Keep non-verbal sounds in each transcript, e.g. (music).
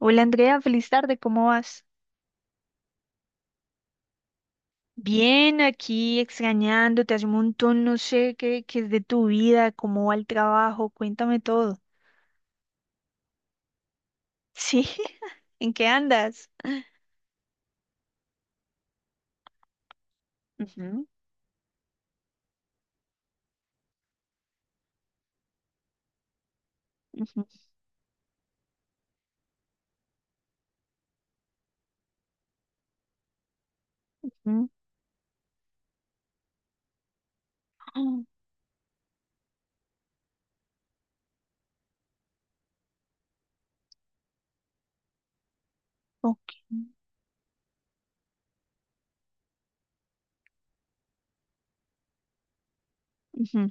Hola Andrea, feliz tarde, ¿cómo vas? Bien, aquí extrañándote hace un montón, no sé qué es de tu vida, cómo va el trabajo, cuéntame todo. Sí, (laughs) ¿en qué andas? Ujú, ujú, ujú. (gasps) Ah, ok. Ujú,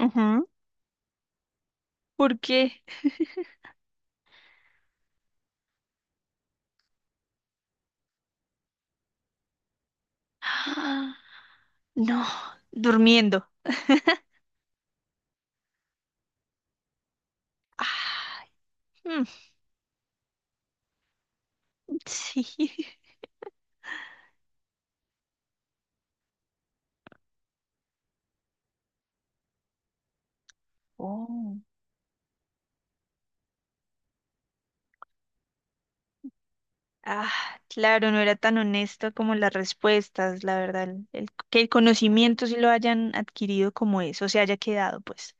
ujú. ¿Por qué? (gasps) Ah, no, durmiendo. Ah, mm, sí. (laughs) Oh. Ah, claro, no era tan honesto como las respuestas, la verdad, que el conocimiento sí lo hayan adquirido como eso, se haya quedado, pues.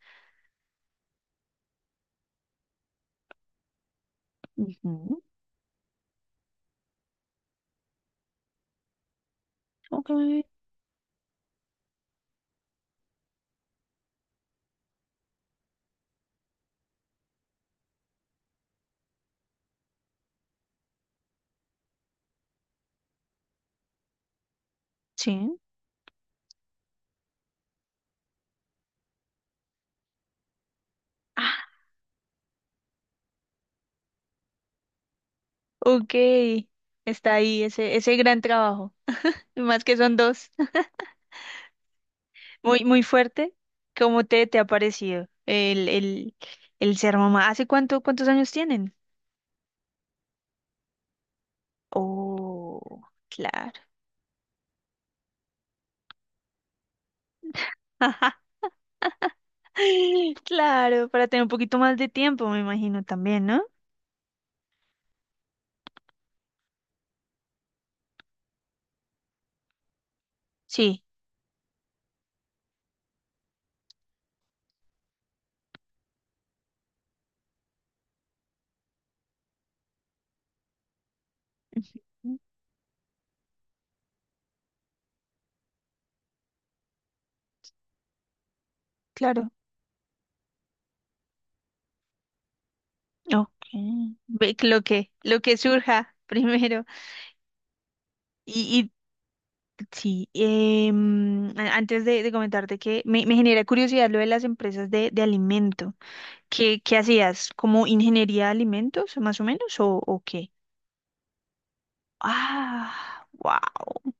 Ujú, ok, sí. Ah, ok, está ahí ese gran trabajo, y más que son dos. (laughs) Muy, muy fuerte. ¿Cómo te ha parecido el ser mamá? ¿Hace cuánto, cuántos años tienen? Oh, claro. (laughs) Claro, para tener un poquito más de tiempo, me imagino también, ¿no? Sí. Ujú, claro, ok. Ve que lo que surja (laughs) primero. Y, y sí, antes de comentarte que me genera curiosidad lo de las empresas de alimento. ¿Qué hacías? ¿Como ingeniería de alimentos, más o menos? ¿O qué? Ah, wow.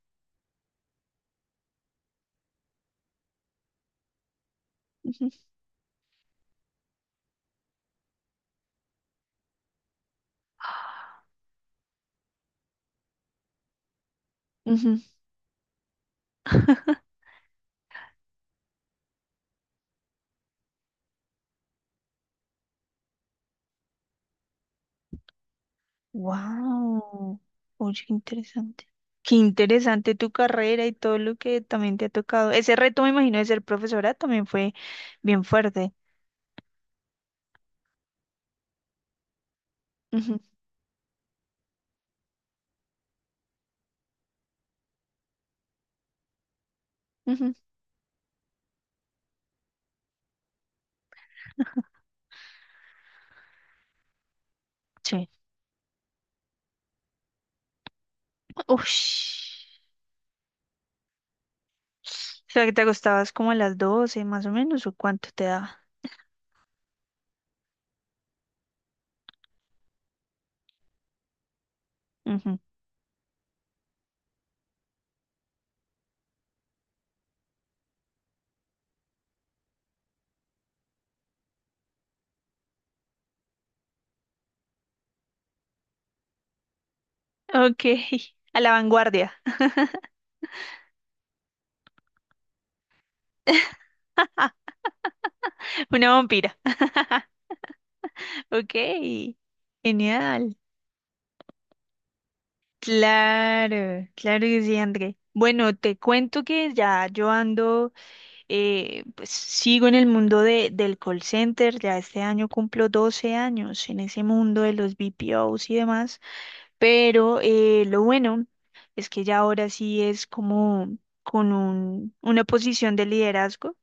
(laughs) Wow, oye, qué interesante. Qué interesante tu carrera y todo lo que también te ha tocado. Ese reto, me imagino, de ser profesora también fue bien fuerte. Ujú, ujú, sí. Ush. O sea, que te acostabas como a las 12 más o menos, o cuánto te daba. Ujú. Ok, (laughs) a la vanguardia. (laughs) Una vampira. (laughs) Ok, genial. Claro, claro que sí, André. Bueno, te cuento que ya yo ando. Pues sigo en el mundo del call center, ya este año cumplo 12 años en ese mundo de los BPOs y demás, pero lo bueno es que ya ahora sí es como con una posición de liderazgo.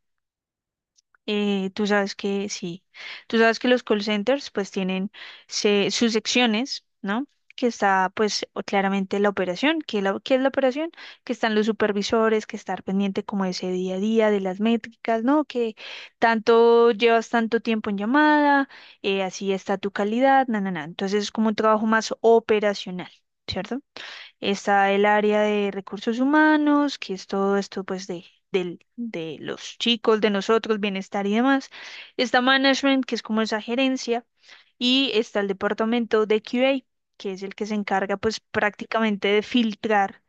Tú sabes que sí, tú sabes que los call centers pues tienen sus secciones, ¿no? Que está pues claramente la operación, que la, ¿qué es la operación? Que están los supervisores, que estar pendiente como de ese día a día, de las métricas, ¿no? Que tanto llevas tanto tiempo en llamada, así está tu calidad, na, na, na. Entonces es como un trabajo más operacional, ¿cierto? Está el área de recursos humanos, que es todo esto pues de, de los chicos, de nosotros, bienestar y demás. Está management, que es como esa gerencia. Y está el departamento de QA, que es el que se encarga pues prácticamente de filtrar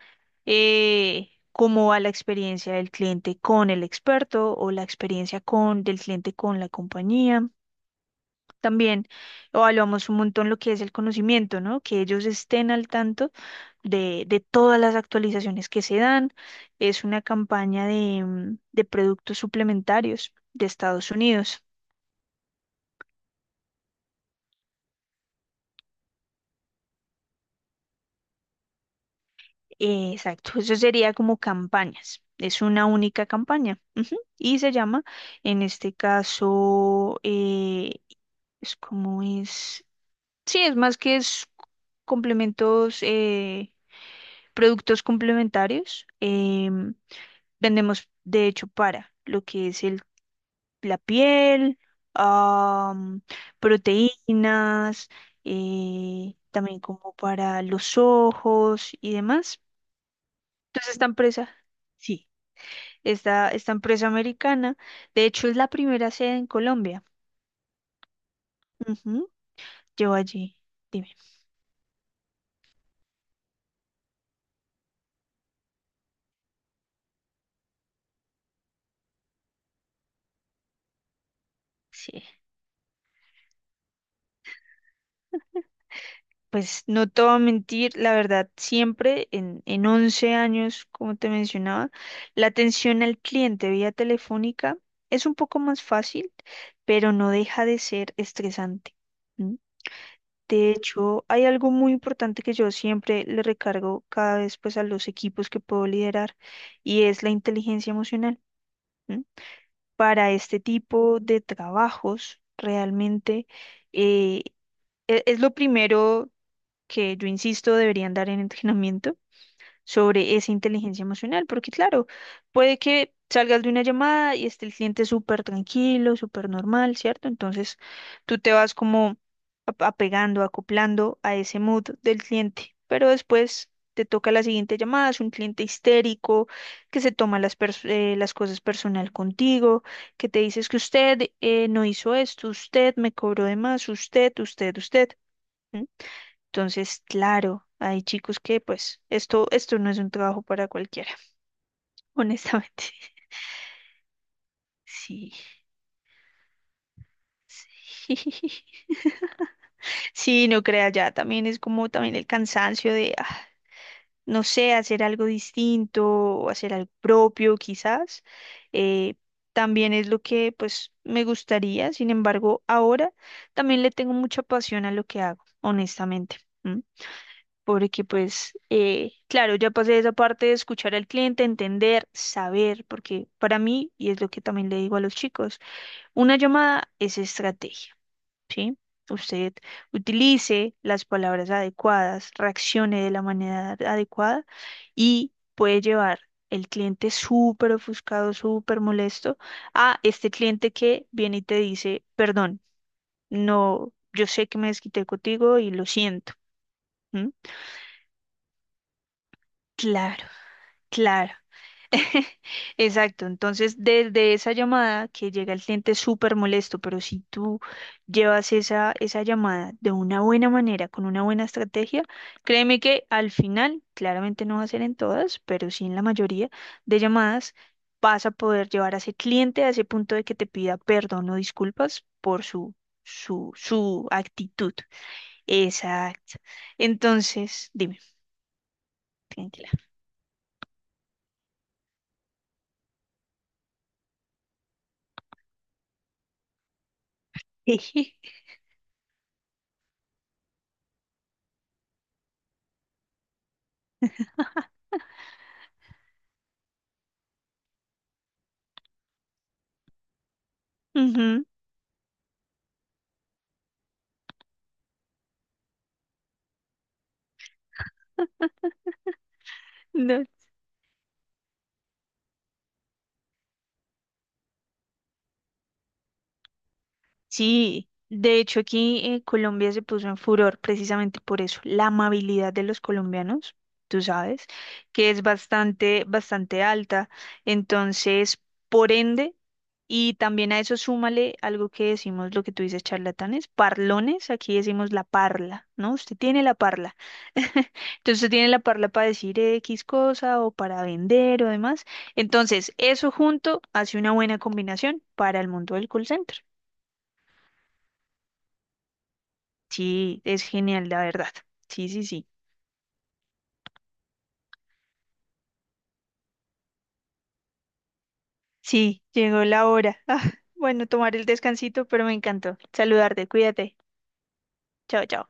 cómo va la experiencia del cliente con el experto o la experiencia con, del cliente con la compañía, también evaluamos un montón lo que es el conocimiento, ¿no? Que ellos estén al tanto de todas las actualizaciones que se dan. Es una campaña de, mm, de productos suplementarios de Estados Unidos. Exacto, (laughs) eso sería como campañas. Es una única campaña. Ujú. Y se llama, en este caso, es como es, sí, es más que es complementos, productos complementarios. Vendemos, de hecho, para lo que es el, la piel, am, proteínas, también como para los ojos y demás. Entonces, esta empresa, sí, esta empresa americana, de hecho, es la primera sede en Colombia. Ujú, yo allí, dime. Sí. Pues no te voy a mentir, la verdad, siempre en 11 años, como te mencionaba, la atención al cliente vía telefónica es un poco más fácil, pero no deja de ser estresante. ¿M? De hecho, hay algo muy importante que yo siempre le recargo cada vez pues a los equipos que puedo liderar y es la inteligencia emocional. ¿M? Para este tipo de trabajos, realmente eh, es lo primero que yo insisto deberían dar en entrenamiento sobre esa inteligencia emocional, porque claro, puede que salgas de una llamada y esté el cliente súper tranquilo, súper normal, ¿cierto? Entonces tú te vas como apegando, acoplando a ese mood del cliente, pero después. Te toca la siguiente llamada, es un cliente histérico que se toma las cosas personal contigo, que te dices que usted no hizo esto, usted me cobró de más, usted, usted, usted. ¿M? Entonces, claro, hay chicos que pues esto no es un trabajo para cualquiera, (laughs) honestamente. Sí, sí. (laughs) Sí, no crea ya, también es como también el cansancio de, no sé, hacer algo distinto o hacer algo propio quizás. eh, También es lo que pues me gustaría, sin embargo, ahora también le tengo mucha pasión a lo que hago, honestamente. Porque pues, claro, ya pasé esa parte de escuchar al cliente, entender, saber, porque para mí, y es lo que también le digo a los chicos, una llamada es estrategia, ¿sí? Usted utilice las palabras adecuadas, reaccione de la manera adecuada y puede llevar el cliente súper ofuscado, súper molesto, a este cliente que viene y te dice, perdón, no, yo sé que me desquité contigo y lo siento. ¿M? Claro, claro. (laughs) Exacto. Entonces, desde esa llamada que llega el cliente súper molesto, pero si tú llevas esa llamada de una buena manera, con una buena estrategia, créeme que al final, claramente no va a ser en todas, pero sí en la mayoría de llamadas, vas a poder llevar a ese cliente a ese punto de que te pida perdón o disculpas por su, su actitud. Exacto. Entonces, dime, tranquila. (laughs) Ujú, no, sí, de hecho aquí en Colombia se puso en furor precisamente por eso, la amabilidad de los colombianos, tú sabes, que es bastante, bastante alta. Entonces, por ende, y también a eso súmale algo que decimos, lo que tú dices, charlatanes, parlones, aquí decimos la parla, ¿no? Usted tiene la parla. Entonces, usted tiene la parla para decir X cosa o para vender o demás. Entonces, eso junto hace una buena combinación para el mundo del call center. Sí, es genial, la verdad. Sí, sí, sí. Sí, llegó la hora. Ah, bueno, tomar el descansito, pero me encantó. Saludarte, cuídate. Chao, chao.